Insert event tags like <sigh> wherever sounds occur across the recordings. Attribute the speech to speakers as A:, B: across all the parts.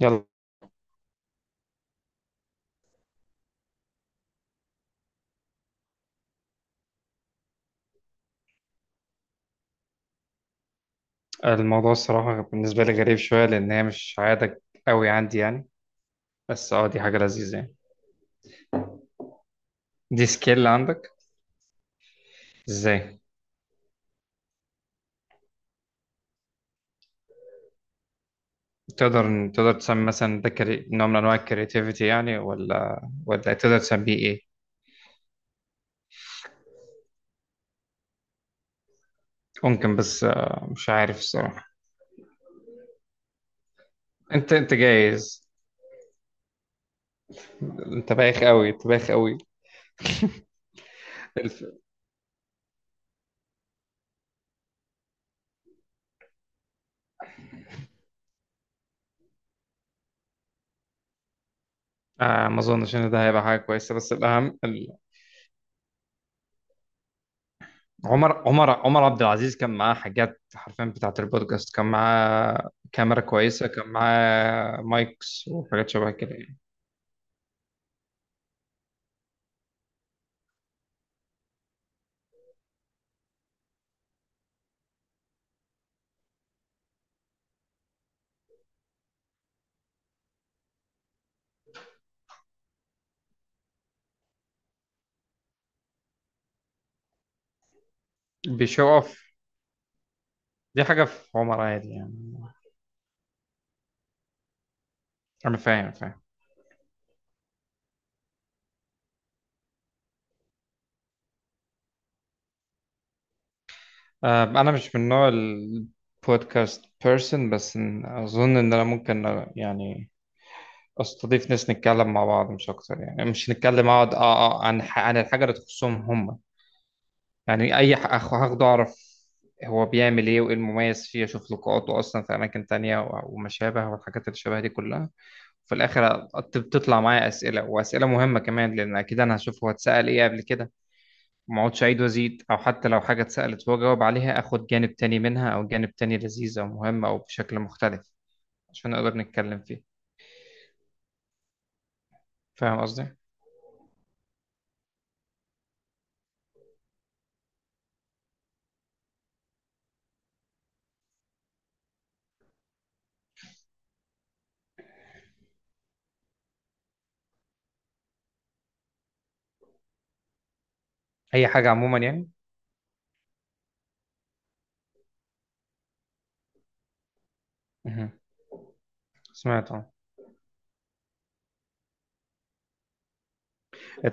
A: يلا، الموضوع الصراحة بالنسبة لي غريب شوية لأن هي مش عادة قوي عندي يعني. بس اه، دي حاجة لذيذة يعني. دي سكيل عندك؟ ازاي؟ تقدر تسمي مثلا ده نوع من أنواع الكرياتيفيتي يعني، ولا تقدر تسميه إيه؟ ممكن، بس مش عارف الصراحة. أنت جايز. أنت بايخ قوي، أنت بايخ قوي. <laughs> الف... آه، ما أظنش إن ده هيبقى حاجة كويسة، بس الأهم، عمر عمر عبد العزيز كان معاه حاجات حرفيا بتاعة البودكاست، كان معاه كاميرا كويسة، كان معاه مايكس وحاجات شبه كده يعني. بيشو اوف، دي حاجة في عمر عادي يعني. أنا فاهم، فاهم. أنا مش من نوع البودكاست بيرسون، بس أظن إن أنا ممكن يعني أستضيف ناس نتكلم مع بعض مش أكتر يعني، مش نتكلم أقعد عن عن الحاجة اللي تخصهم هم. يعني اي هاخده اعرف هو بيعمل ايه وايه المميز فيه، اشوف لقاءاته اصلا في اماكن تانية وما شابه والحاجات اللي شبه دي كلها. وفي الاخر بتطلع معايا اسئله واسئله مهمه كمان، لان اكيد انا هشوف هو اتسال ايه قبل كده. ما اقعدش اعيد وازيد، او حتى لو حاجه اتسالت هو جاوب عليها اخد جانب تاني منها، او جانب تاني لذيذ او مهم او بشكل مختلف عشان نقدر نتكلم فيه. فاهم قصدي؟ اي حاجه عموما يعني. مهم. سمعت اه.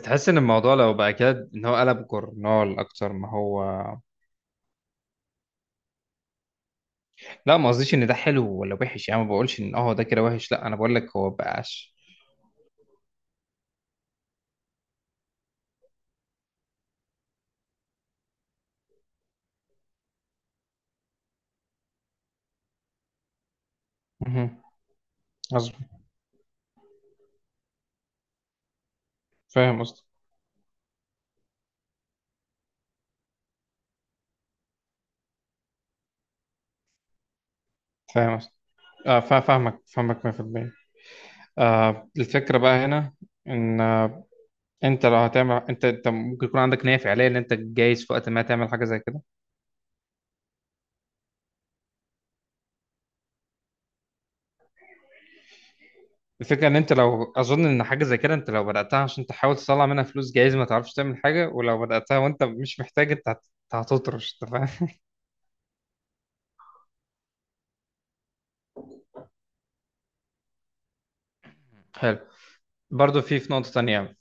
A: تحس ان الموضوع لو بقى كده ان هو قلب جورنال اكتر ما هو؟ لا، ما قصديش ان ده حلو ولا وحش يعني، ما بقولش ان اه ده كده وحش، لا، انا بقول لك هو بقاش. مهم. قصدي، فاهم قصدي، فاهم قصدي، آه فاهمك، فاهمك 100%. آه، الفكره بقى هنا ان انت لو هتعمل، انت ممكن يكون عندك نيه فعليه ان انت جايز في وقت ما تعمل حاجه زي كده. الفكره ان انت لو، اظن ان حاجه زي كده، انت لو بداتها عشان تحاول تطلع منها فلوس جايز ما تعرفش تعمل حاجه، ولو بداتها وانت مش محتاج انت هتطرش، انت فاهم. حلو. برضه في نقطه تانيه.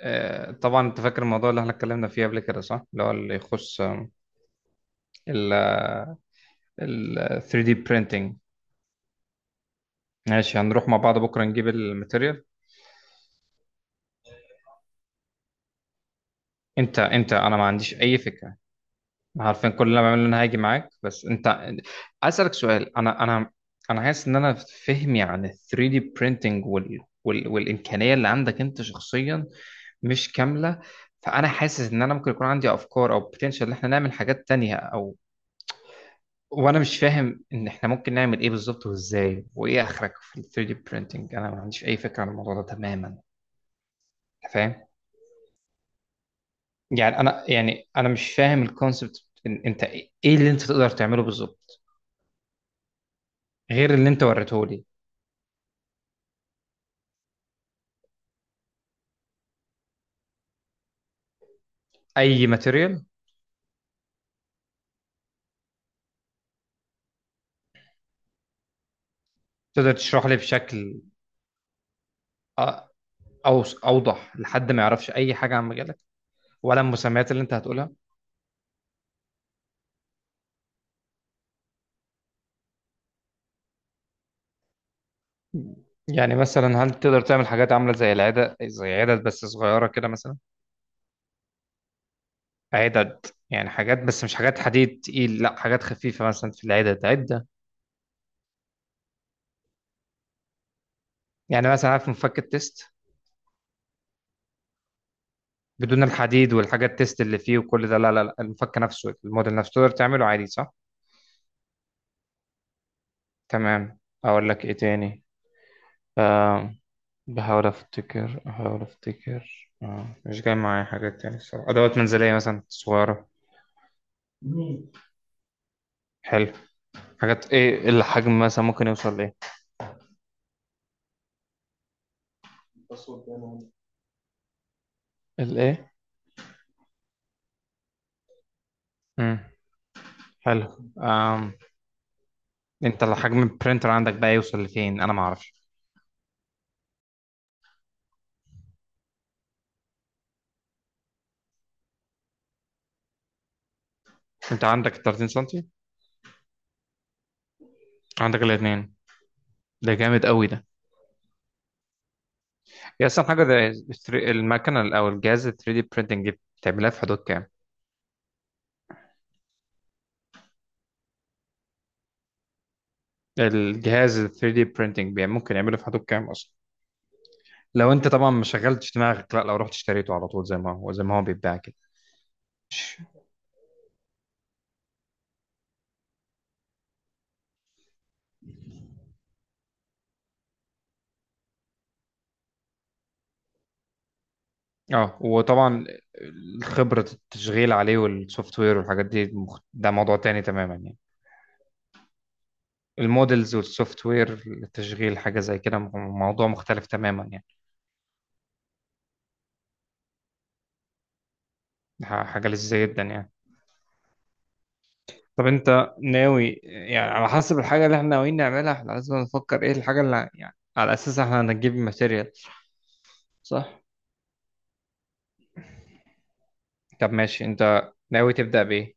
A: آه، طبعا انت فاكر الموضوع اللي احنا اتكلمنا فيه قبل كده صح؟ اللي هو اللي يخص ال ال 3D printing. ماشي، هنروح مع بعض بكره نجيب الماتيريال. انت انا ما عنديش اي فكره. انا عارفين كل اللي انا بعمله ان انا هاجي معاك، بس انت عايز اسالك سؤال. انا انا حاسس ان انا، فهمي عن ال 3D printing وال والامكانيه اللي عندك انت شخصيا مش كامله. فانا حاسس ان انا ممكن يكون عندي افكار او بوتنشال ان احنا نعمل حاجات تانية او، وانا مش فاهم ان احنا ممكن نعمل ايه بالظبط وازاي وايه اخرك في ال 3D printing. انا ما عنديش اي فكره عن الموضوع ده تماما. أنت فاهم؟ يعني انا، يعني انا مش فاهم الكونسبت إن انت ايه، إيه اللي انت تقدر تعمله بالظبط غير اللي انت وريته لي؟ اي ماتيريال؟ تقدر تشرح لي بشكل أ- اوضح لحد ما يعرفش اي حاجه عن مجالك ولا المسميات اللي انت هتقولها؟ يعني مثلا هل تقدر تعمل حاجات عامله زي العدد، زي عدد بس صغيره كده مثلا؟ عدد يعني حاجات، بس مش حاجات حديد تقيل، لا، حاجات خفيفة مثلا في العدد عدة. يعني مثلا عارف مفك التيست؟ بدون الحديد والحاجات التيست اللي فيه وكل ده، لا لا لا، المفك نفسه، الموديل نفسه تقدر تعمله عادي صح؟ تمام. أقول لك إيه تاني. آم، بحاول أفتكر، بحاول أفتكر، مش جاي معايا حاجات تاني الصراحة. أدوات منزلية مثلا صغيرة. مم. حلو. حاجات إيه الحجم مثلا ممكن يوصل لإيه؟ الإيه؟ مم. حلو. آم، انت الحجم البرينتر عندك بقى يوصل لفين انا ما اعرفش. انت عندك 30 سنتي؟ عندك الاثنين؟ ده جامد قوي ده. هي اصلا حاجه ده، المكنه او الجهاز ال 3D printing بتعملها في حدود كام؟ الجهاز ال 3D printing ممكن يعمله في حدود كام اصلا، لو انت طبعا ما شغلتش دماغك، لا لو رحت اشتريته على طول زي ما هو، زي ما هو بيتباع كده؟ مش- اه، وطبعا خبره التشغيل عليه والسوفت وير والحاجات دي ده موضوع تاني تماما يعني. المودلز والسوفت وير للتشغيل حاجة زي كده، موضوع مختلف تماما يعني. حاجة لذيذة جدا يعني. طب انت ناوي يعني، على حسب الحاجة اللي احنا ناويين نعملها احنا لازم نفكر ايه الحاجة اللي يعني على اساسها احنا هنجيب ماتيريال، صح؟ طب ماشي، انت ناوي تبدأ بايه؟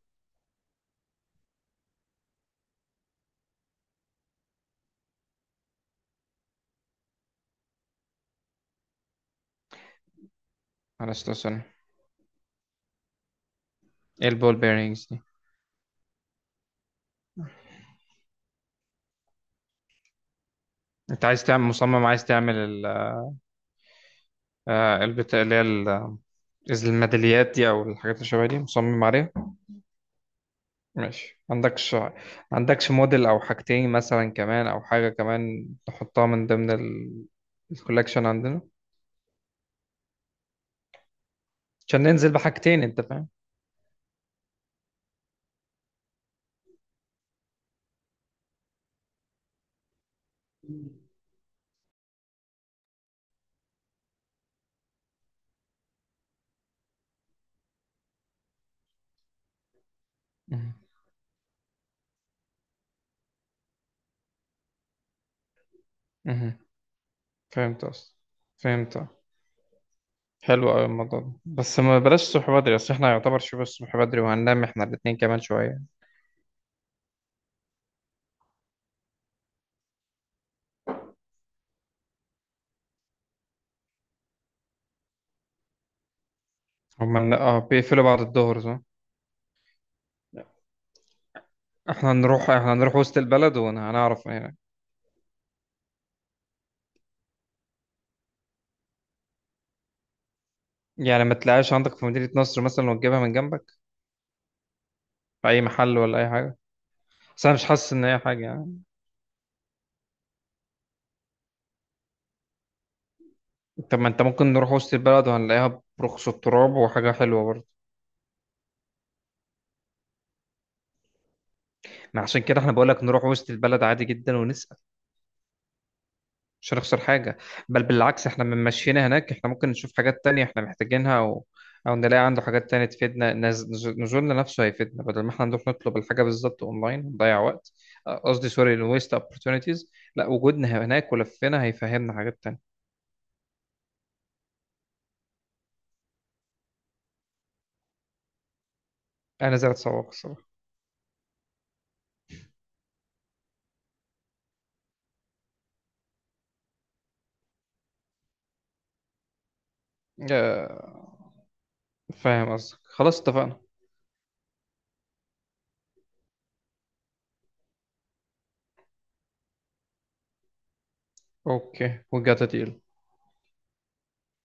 A: معلش لو، سوري. ايه البول بيرنجز دي؟ انت عايز تعمل، مصمم عايز تعمل البتاع اللي هي الميداليات دي او الحاجات اللي شبه دي مصمم عليها؟ ماشي، عندكش، عندكش موديل او حاجتين مثلا كمان، او حاجة كمان تحطها من ضمن الكولكشن عندنا عشان ننزل بحاجتين، انت فاهم؟ مهم. مهم. فهمت اصلا، فهمت. حلو قوي الموضوع ده، بس ما بلاش الصبح بدري اصل احنا يعتبر شبه الصبح بدري، وهننام احنا الاتنين كمان شوية. هما اه بيقفلوا بعد الظهر صح؟ احنا هنروح، احنا هنروح وسط البلد وهنعرف هناك. يعني ما تلاقيش عندك في مدينة نصر مثلا وتجيبها من جنبك، في اي محل ولا اي حاجة؟ بس انا مش حاسس ان هي حاجة يعني. طب ما انت ممكن نروح وسط البلد وهنلاقيها برخص التراب، وحاجة حلوة برضه. ما عشان كده احنا بقولك نروح وسط البلد عادي جدا ونسأل، مش هنخسر حاجة. بل بالعكس، احنا من مشينا هناك احنا ممكن نشوف حاجات تانية احنا محتاجينها، او، أو نلاقي عنده حاجات تانية تفيدنا، نزولنا نفسه هيفيدنا بدل ما احنا نروح نطلب الحاجة بالظبط اونلاين ونضيع وقت. اه، قصدي سوري، الويست opportunities. لا، وجودنا هناك ولفنا هيفهمنا حاجات تانية. انا زي اتصور الصراحة. اه، فاهم قصدك، خلاص اتفقنا. اوكي، we got a deal.